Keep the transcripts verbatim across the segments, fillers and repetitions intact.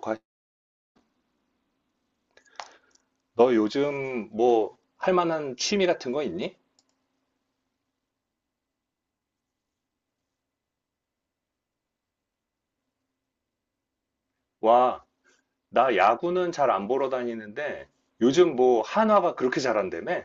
과- 너 요즘 뭐 할 만한 취미 같은 거 있니? 와, 나 야구는 잘 안 보러 다니는데 요즘 뭐 한화가 그렇게 잘한다며?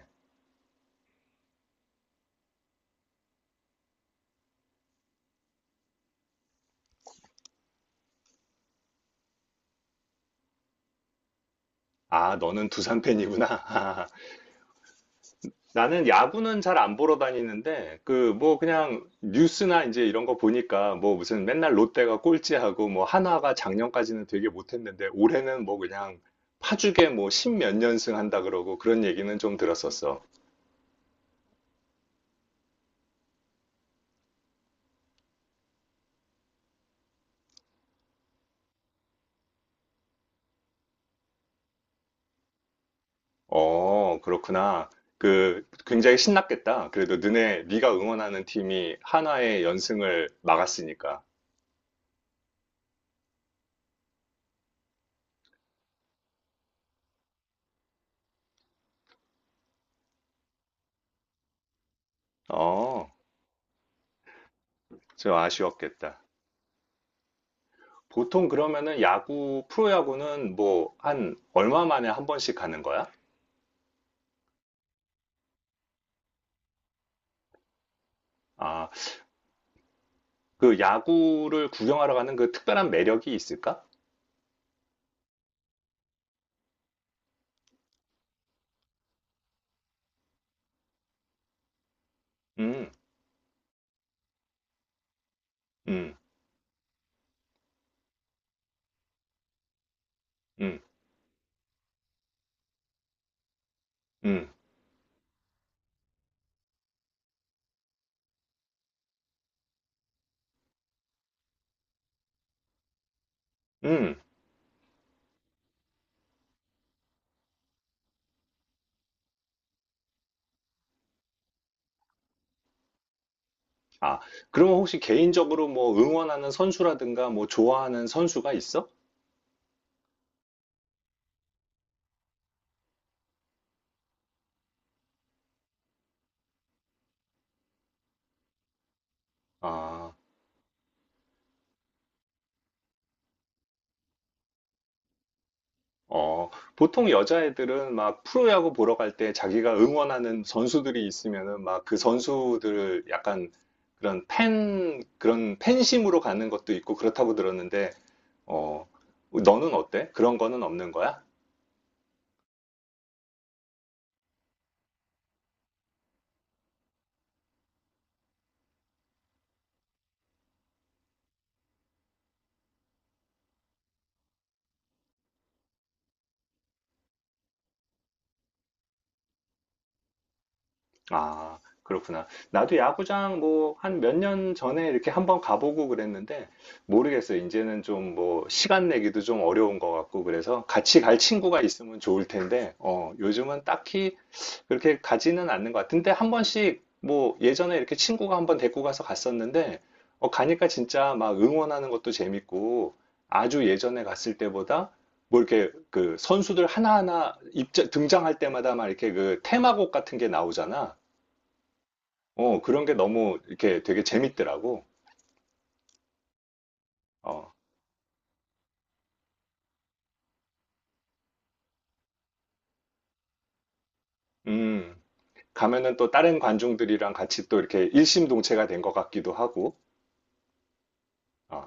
아, 너는 두산 팬이구나. 나는 야구는 잘 안 보러 다니는데 그 뭐 그냥 뉴스나 이제 이런 거 보니까 뭐 무슨 맨날 롯데가 꼴찌하고 뭐 한화가 작년까지는 되게 못했는데 올해는 뭐 그냥 파죽에 뭐 십몇 연승 한다 그러고 그런 얘기는 좀 들었었어. 어, 그렇구나. 그 굉장히 신났겠다. 그래도 너네 네가 응원하는 팀이 한화의 연승을 막았으니까. 어, 좀 아쉬웠겠다. 보통 그러면은 야구, 프로야구는 뭐 한 얼마 만에 한 번씩 가는 거야? 아, 그 야구를 구경하러 가는 그 특별한 매력이 있을까? 음, 음, 음, 음, 음. 아, 그러면 혹시 개인적으로 뭐 응원하는 선수라든가 뭐 좋아하는 선수가 있어? 아. 어, 보통 여자애들은 막 프로야구 보러 갈 때 자기가 응원하는 선수들이 있으면은 막 그 선수들을 약간 그런 팬, 그런 팬심으로 가는 것도 있고 그렇다고 들었는데, 어, 너는 어때? 그런 거는 없는 거야? 아, 그렇구나. 나도 야구장 뭐 한 몇 년 전에 이렇게 한번 가보고 그랬는데 모르겠어요. 이제는 좀 뭐 시간 내기도 좀 어려운 것 같고 그래서 같이 갈 친구가 있으면 좋을 텐데 어, 요즘은 딱히 그렇게 가지는 않는 것 같은데 한 번씩 뭐 예전에 이렇게 친구가 한번 데리고 가서 갔었는데 어, 가니까 진짜 막 응원하는 것도 재밌고 아주 예전에 갔을 때보다 뭐 이렇게 그 선수들 하나하나 입장 등장할 때마다 막 이렇게 그 테마곡 같은 게 나오잖아. 어, 그런 게 너무 이렇게 되게 재밌더라고. 어, 음, 가면은 또 다른 관중들이랑 같이 또 이렇게 일심동체가 된 것 같기도 하고, 어,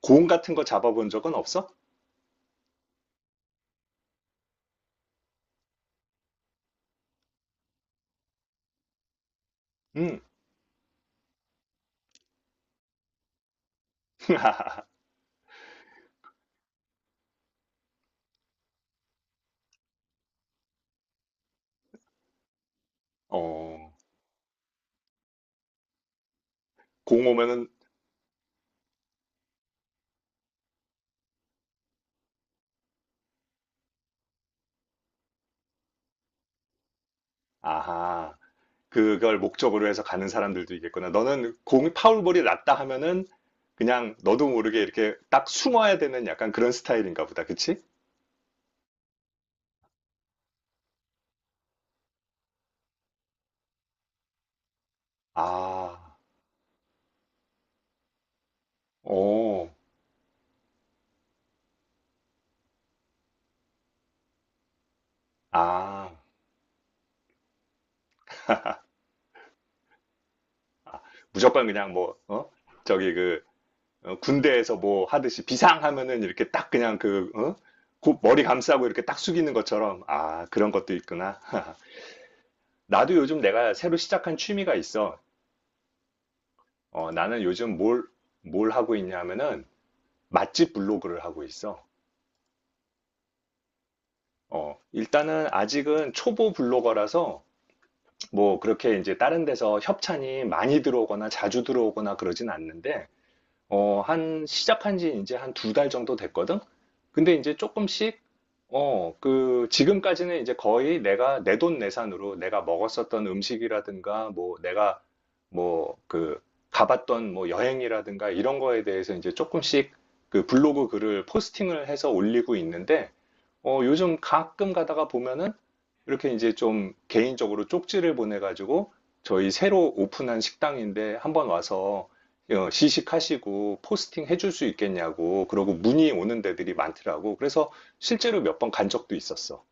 공 같은 거 잡아본 적은 없어? 음, 어, 공 오면은, 아하, 그걸 목적으로 해서 가는 사람들도 있겠구나. 너는 공이 파울볼이 났다 하면은 그냥 너도 모르게 이렇게 딱 숨어야 되는 약간 그런 스타일인가 보다. 그치? 아, 오, 아, 아, 무조건 그냥 뭐, 어? 저기 그 어, 군대에서 뭐 하듯이 비상하면은 이렇게 딱 그냥 그, 어? 곧 머리 감싸고 이렇게 딱 숙이는 것처럼, 아, 그런 것도 있구나. 나도 요즘 내가 새로 시작한 취미가 있어. 어, 나는 요즘 뭘, 뭘 하고 있냐면은 맛집 블로그를 하고 있어. 어, 일단은 아직은 초보 블로거라서 뭐 그렇게 이제 다른 데서 협찬이 많이 들어오거나 자주 들어오거나 그러진 않는데 어, 한, 시작한 지 이제 한 두 달 정도 됐거든? 근데 이제 조금씩, 어, 그, 지금까지는 이제 거의 내가 내돈 내산으로 내가 먹었었던 음식이라든가, 뭐, 내가, 뭐, 그, 가봤던 뭐 여행이라든가 이런 거에 대해서 이제 조금씩 그 블로그 글을 포스팅을 해서 올리고 있는데, 어, 요즘 가끔 가다가 보면은 이렇게 이제 좀 개인적으로 쪽지를 보내가지고 저희 새로 오픈한 식당인데 한번 와서 어, 시식하시고 포스팅 해줄 수 있겠냐고 그러고 문의 오는 데들이 많더라고. 그래서 실제로 몇 번 간 적도 있었어.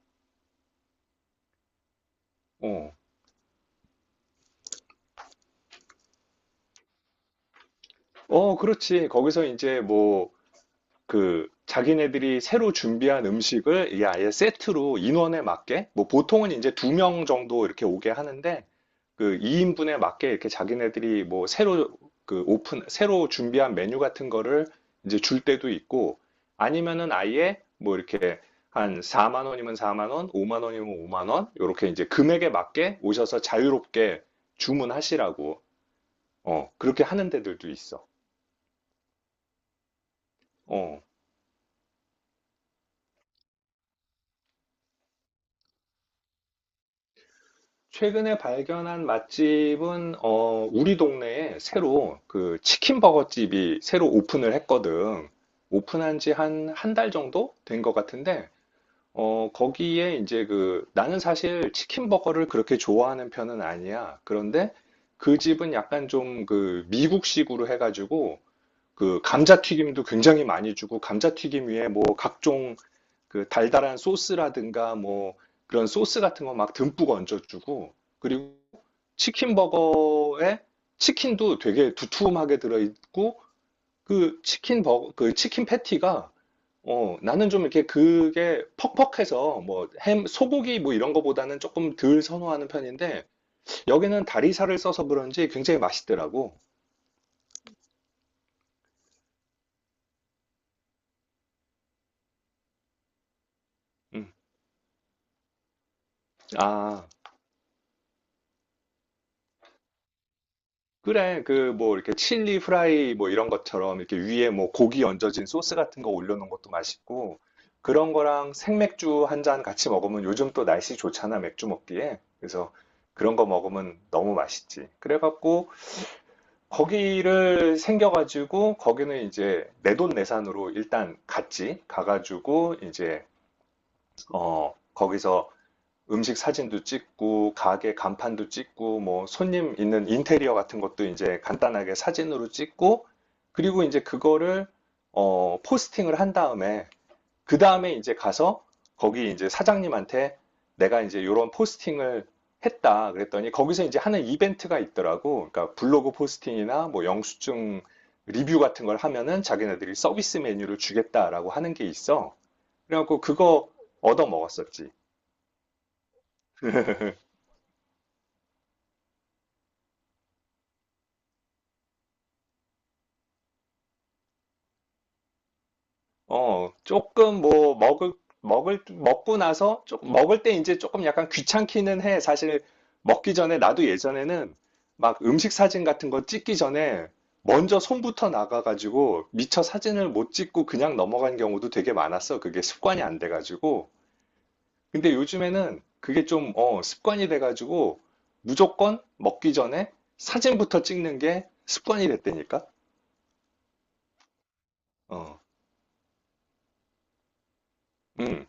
어, 어, 그렇지. 거기서 이제 뭐 그 자기네들이 새로 준비한 음식을 이게 아예 세트로 인원에 맞게 뭐 보통은 이제 두 명 정도 이렇게 오게 하는데 그 이 인분에 맞게 이렇게 자기네들이 뭐 새로 그 오픈 새로 준비한 메뉴 같은 거를 이제 줄 때도 있고 아니면은 아예 뭐 이렇게 한 사만 원이면 사만 원, 오만 원이면 오만 원 이렇게 이제 금액에 맞게 오셔서 자유롭게 주문하시라고 어 그렇게 하는 데들도 있어. 어. 최근에 발견한 맛집은 어, 우리 동네에 새로 그 치킨 버거집이 새로 오픈을 했거든. 오픈한 지 한 한 달 정도 된 것 같은데 어, 거기에 이제 그 나는 사실 치킨 버거를 그렇게 좋아하는 편은 아니야. 그런데 그 집은 약간 좀 그 미국식으로 해가지고 그 감자튀김도 굉장히 많이 주고 감자튀김 위에 뭐 각종 그 달달한 소스라든가 뭐 그런 소스 같은 거 막 듬뿍 얹어주고 그리고 치킨 버거에 치킨도 되게 두툼하게 들어있고 그 치킨 버거 그 치킨 패티가 어 나는 좀 이렇게 그게 퍽퍽해서 뭐 햄 소고기 뭐 이런 거보다는 조금 덜 선호하는 편인데 여기는 다리살을 써서 그런지 굉장히 맛있더라고. 음. 아. 그래, 그, 뭐, 이렇게 칠리 프라이, 뭐, 이런 것처럼, 이렇게 위에 뭐, 고기 얹어진 소스 같은 거 올려놓은 것도 맛있고, 그런 거랑 생맥주 한 잔 같이 먹으면 요즘 또 날씨 좋잖아, 맥주 먹기에. 그래서 그런 거 먹으면 너무 맛있지. 그래갖고, 거기를 생겨가지고, 거기는 이제 내돈내산으로 일단 갔지. 가가지고, 이제, 어, 거기서 음식 사진도 찍고, 가게 간판도 찍고, 뭐 손님 있는 인테리어 같은 것도 이제 간단하게 사진으로 찍고, 그리고 이제 그거를 어, 포스팅을 한 다음에, 그 다음에 이제 가서 거기 이제 사장님한테 내가 이제 이런 포스팅을 했다 그랬더니 거기서 이제 하는 이벤트가 있더라고. 그러니까 블로그 포스팅이나 뭐 영수증 리뷰 같은 걸 하면은 자기네들이 서비스 메뉴를 주겠다라고 하는 게 있어. 그래갖고 그거 얻어 먹었었지. 어, 조금 뭐 먹을 먹을 먹고 나서 조, 먹을 때 이제 조금 약간 귀찮기는 해. 사실 먹기 전에 나도 예전에는 막 음식 사진 같은 거 찍기 전에 먼저 손부터 나가가지고 미처 사진을 못 찍고 그냥 넘어간 경우도 되게 많았어. 그게 습관이 안 돼가지고. 근데 요즘에는 그게 좀 어, 습관이 돼가지고 무조건 먹기 전에 사진부터 찍는 게 습관이 됐다니까. 어, 음.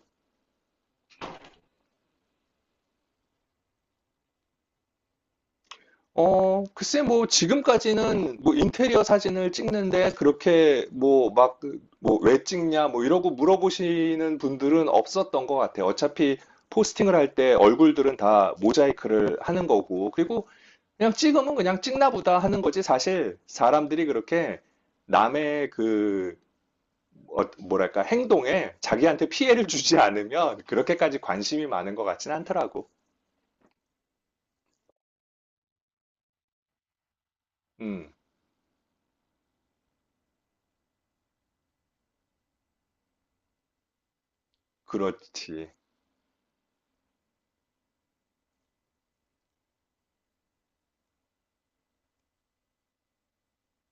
어, 글쎄, 뭐, 지금까지는, 뭐, 인테리어 사진을 찍는데, 그렇게, 뭐, 막, 그, 뭐, 왜 찍냐, 뭐, 이러고 물어보시는 분들은 없었던 것 같아요. 어차피, 포스팅을 할 때 얼굴들은 다 모자이크를 하는 거고, 그리고 그냥 찍으면 그냥 찍나 보다 하는 거지. 사실, 사람들이 그렇게 남의 그, 어, 뭐랄까, 행동에 자기한테 피해를 주지 않으면, 그렇게까지 관심이 많은 것 같진 않더라고. 음, 그렇지.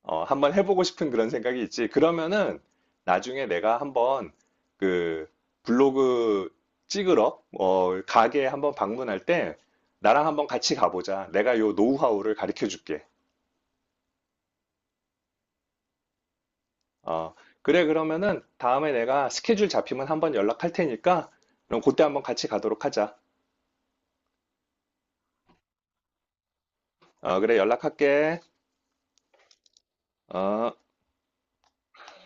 어, 한번 해보고 싶은 그런 생각이 있지. 그러면은 나중에 내가 한번 그 블로그 찍으러 어, 가게 한번 방문할 때 나랑 한번 같이 가보자. 내가 요 노하우를 가르쳐 줄게. 어, 그래 그러면은 다음에 내가 스케줄 잡히면 한번 연락할 테니까 그럼 그때 한번 같이 가도록 하자. 어, 그래 연락할게. 어.